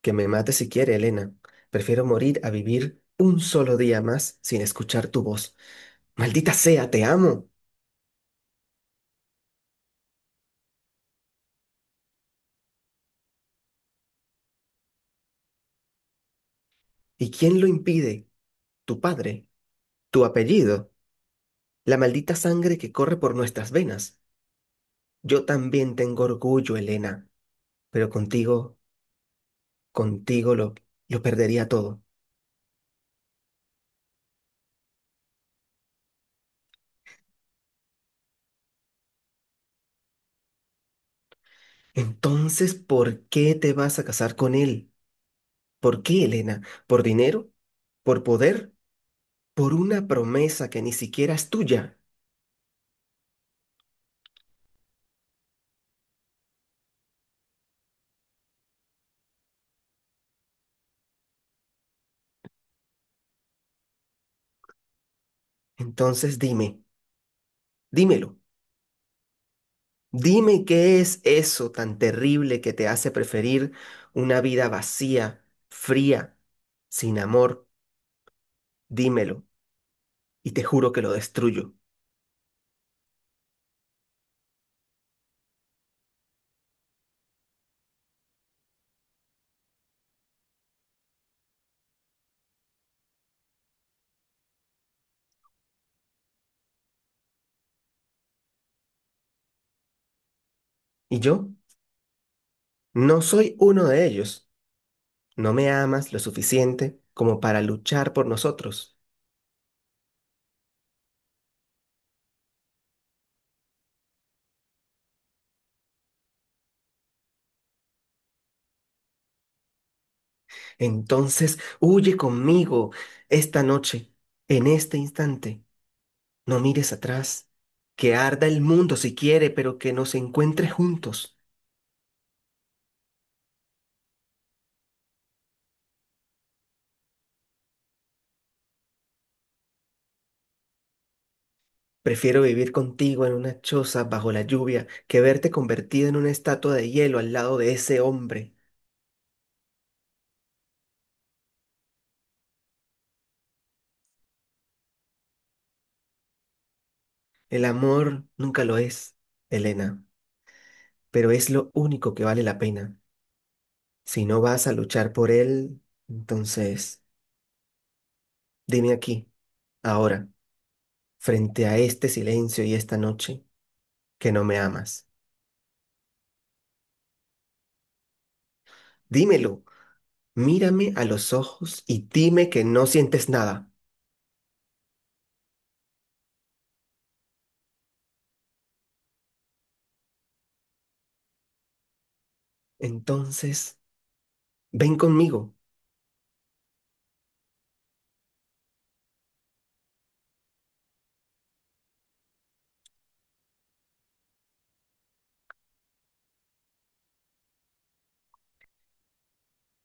Que me mate si quiere, Elena. Prefiero morir a vivir un solo día más sin escuchar tu voz. Maldita sea, te amo. ¿Y quién lo impide? Tu padre, tu apellido, la maldita sangre que corre por nuestras venas. Yo también tengo orgullo, Elena, pero contigo, contigo lo perdería todo. Entonces, ¿por qué te vas a casar con él? ¿Por qué, Elena? ¿Por dinero? ¿Por poder? ¿Por una promesa que ni siquiera es tuya? Entonces dime, dímelo. Dime qué es eso tan terrible que te hace preferir una vida vacía, fría, sin amor. Dímelo, y te juro que lo destruyo. ¿Y yo? No soy uno de ellos. No me amas lo suficiente como para luchar por nosotros. Entonces, huye conmigo esta noche, en este instante. No mires atrás. Que arda el mundo si quiere, pero que nos encuentre juntos. Prefiero vivir contigo en una choza bajo la lluvia que verte convertida en una estatua de hielo al lado de ese hombre. El amor nunca lo es, Elena, pero es lo único que vale la pena. Si no vas a luchar por él, entonces dime aquí, ahora, frente a este silencio y esta noche, que no me amas. Dímelo, mírame a los ojos y dime que no sientes nada. Entonces, ven conmigo.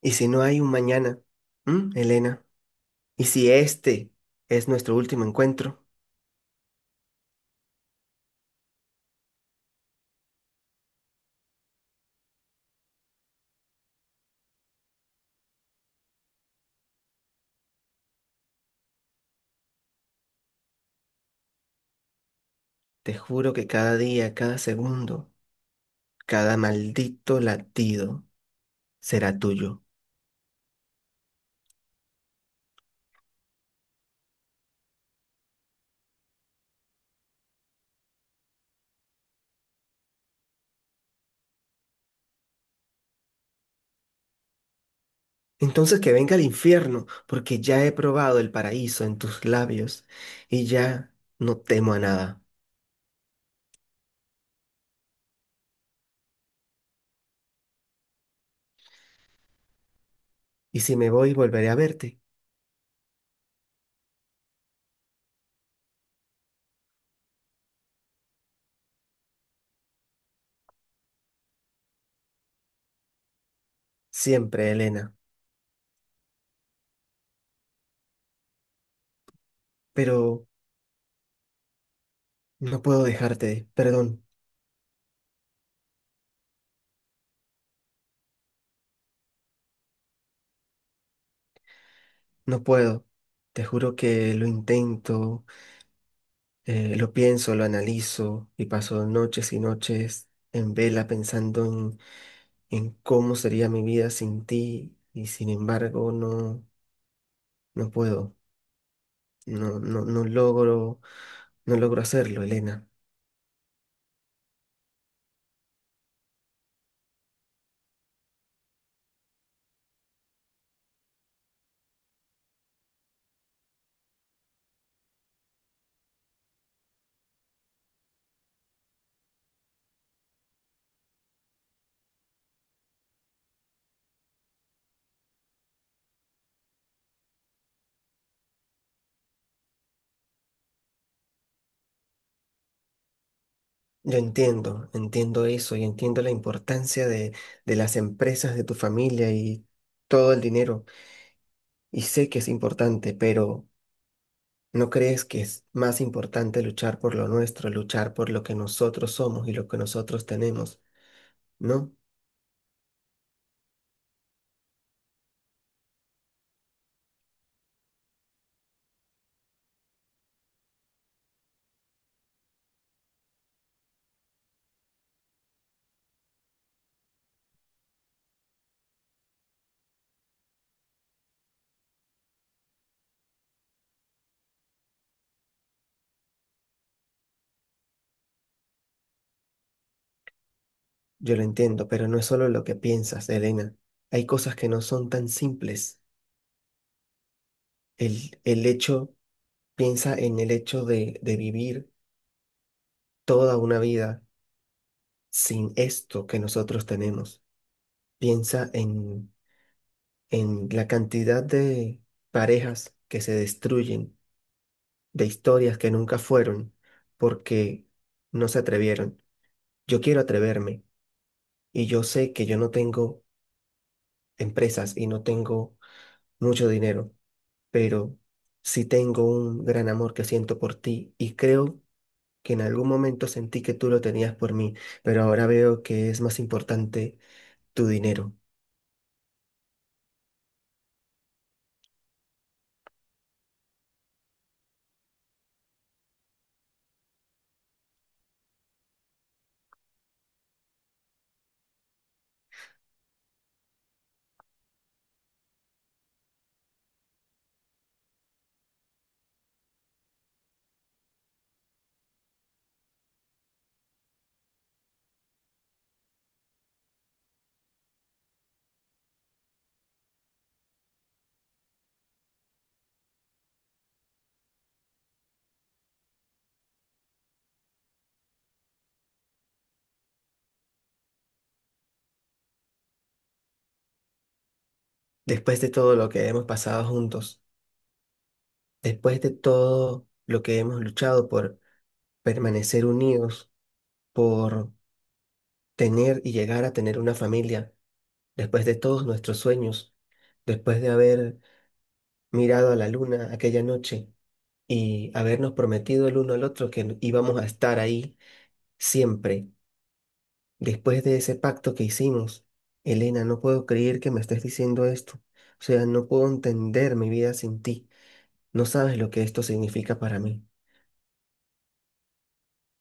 Y si no hay un mañana, ¿ Elena? Y si este es nuestro último encuentro, te juro que cada día, cada segundo, cada maldito latido será tuyo. Entonces que venga el infierno, porque ya he probado el paraíso en tus labios y ya no temo a nada. Y si me voy, volveré a verte. Siempre, Elena. Pero no puedo dejarte, perdón, no puedo. Te juro que lo intento. Lo pienso, lo analizo y paso noches y noches en vela pensando en cómo sería mi vida sin ti, y sin embargo no puedo, no logro, no logro hacerlo, Elena. Yo entiendo, entiendo eso y entiendo la importancia de las empresas, de tu familia y todo el dinero, y sé que es importante, pero ¿no crees que es más importante luchar por lo nuestro, luchar por lo que nosotros somos y lo que nosotros tenemos? ¿No? Yo lo entiendo, pero no es solo lo que piensas, Elena. Hay cosas que no son tan simples. El hecho, piensa en el hecho de vivir toda una vida sin esto que nosotros tenemos. Piensa en la cantidad de parejas que se destruyen, de historias que nunca fueron, porque no se atrevieron. Yo quiero atreverme, y yo sé que yo no tengo empresas y no tengo mucho dinero, pero sí tengo un gran amor que siento por ti, y creo que en algún momento sentí que tú lo tenías por mí, pero ahora veo que es más importante tu dinero. Después de todo lo que hemos pasado juntos, después de todo lo que hemos luchado por permanecer unidos, por tener y llegar a tener una familia, después de todos nuestros sueños, después de haber mirado a la luna aquella noche y habernos prometido el uno al otro que íbamos a estar ahí siempre, después de ese pacto que hicimos, Elena, no puedo creer que me estés diciendo esto. O sea, no puedo entender mi vida sin ti. No sabes lo que esto significa para mí.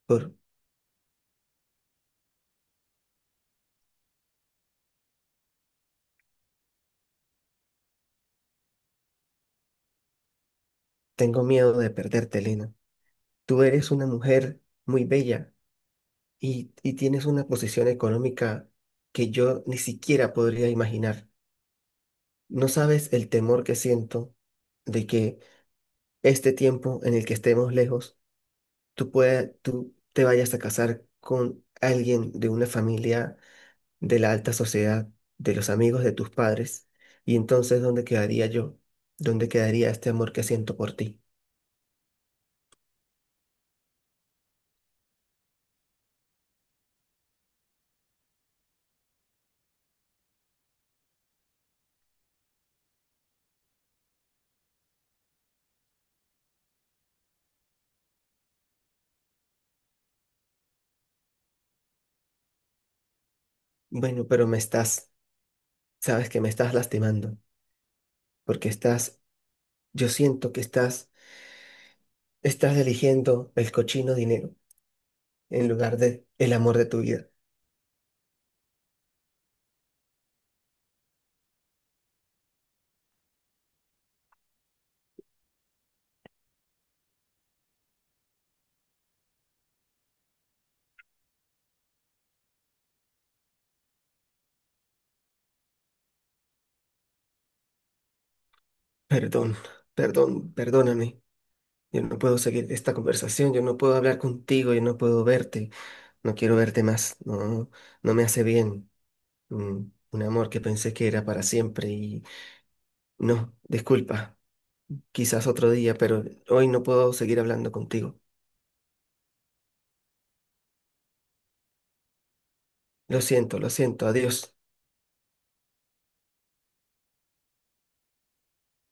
Por, Tengo miedo de perderte, Elena. Tú eres una mujer muy bella y tienes una posición económica que yo ni siquiera podría imaginar. No sabes el temor que siento de que este tiempo en el que estemos lejos tú te vayas a casar con alguien de una familia de la alta sociedad, de los amigos de tus padres, y entonces, ¿dónde quedaría yo? ¿Dónde quedaría este amor que siento por ti? Bueno, pero sabes que me estás lastimando, porque yo siento que estás eligiendo el cochino dinero en lugar de el amor de tu vida. Perdón, perdón, perdóname. Yo no puedo seguir esta conversación, yo no puedo hablar contigo, yo no puedo verte. No quiero verte más, no, no me hace bien. Mm. Un amor que pensé que era para siempre y no, disculpa, quizás otro día, pero hoy no puedo seguir hablando contigo. Lo siento, adiós.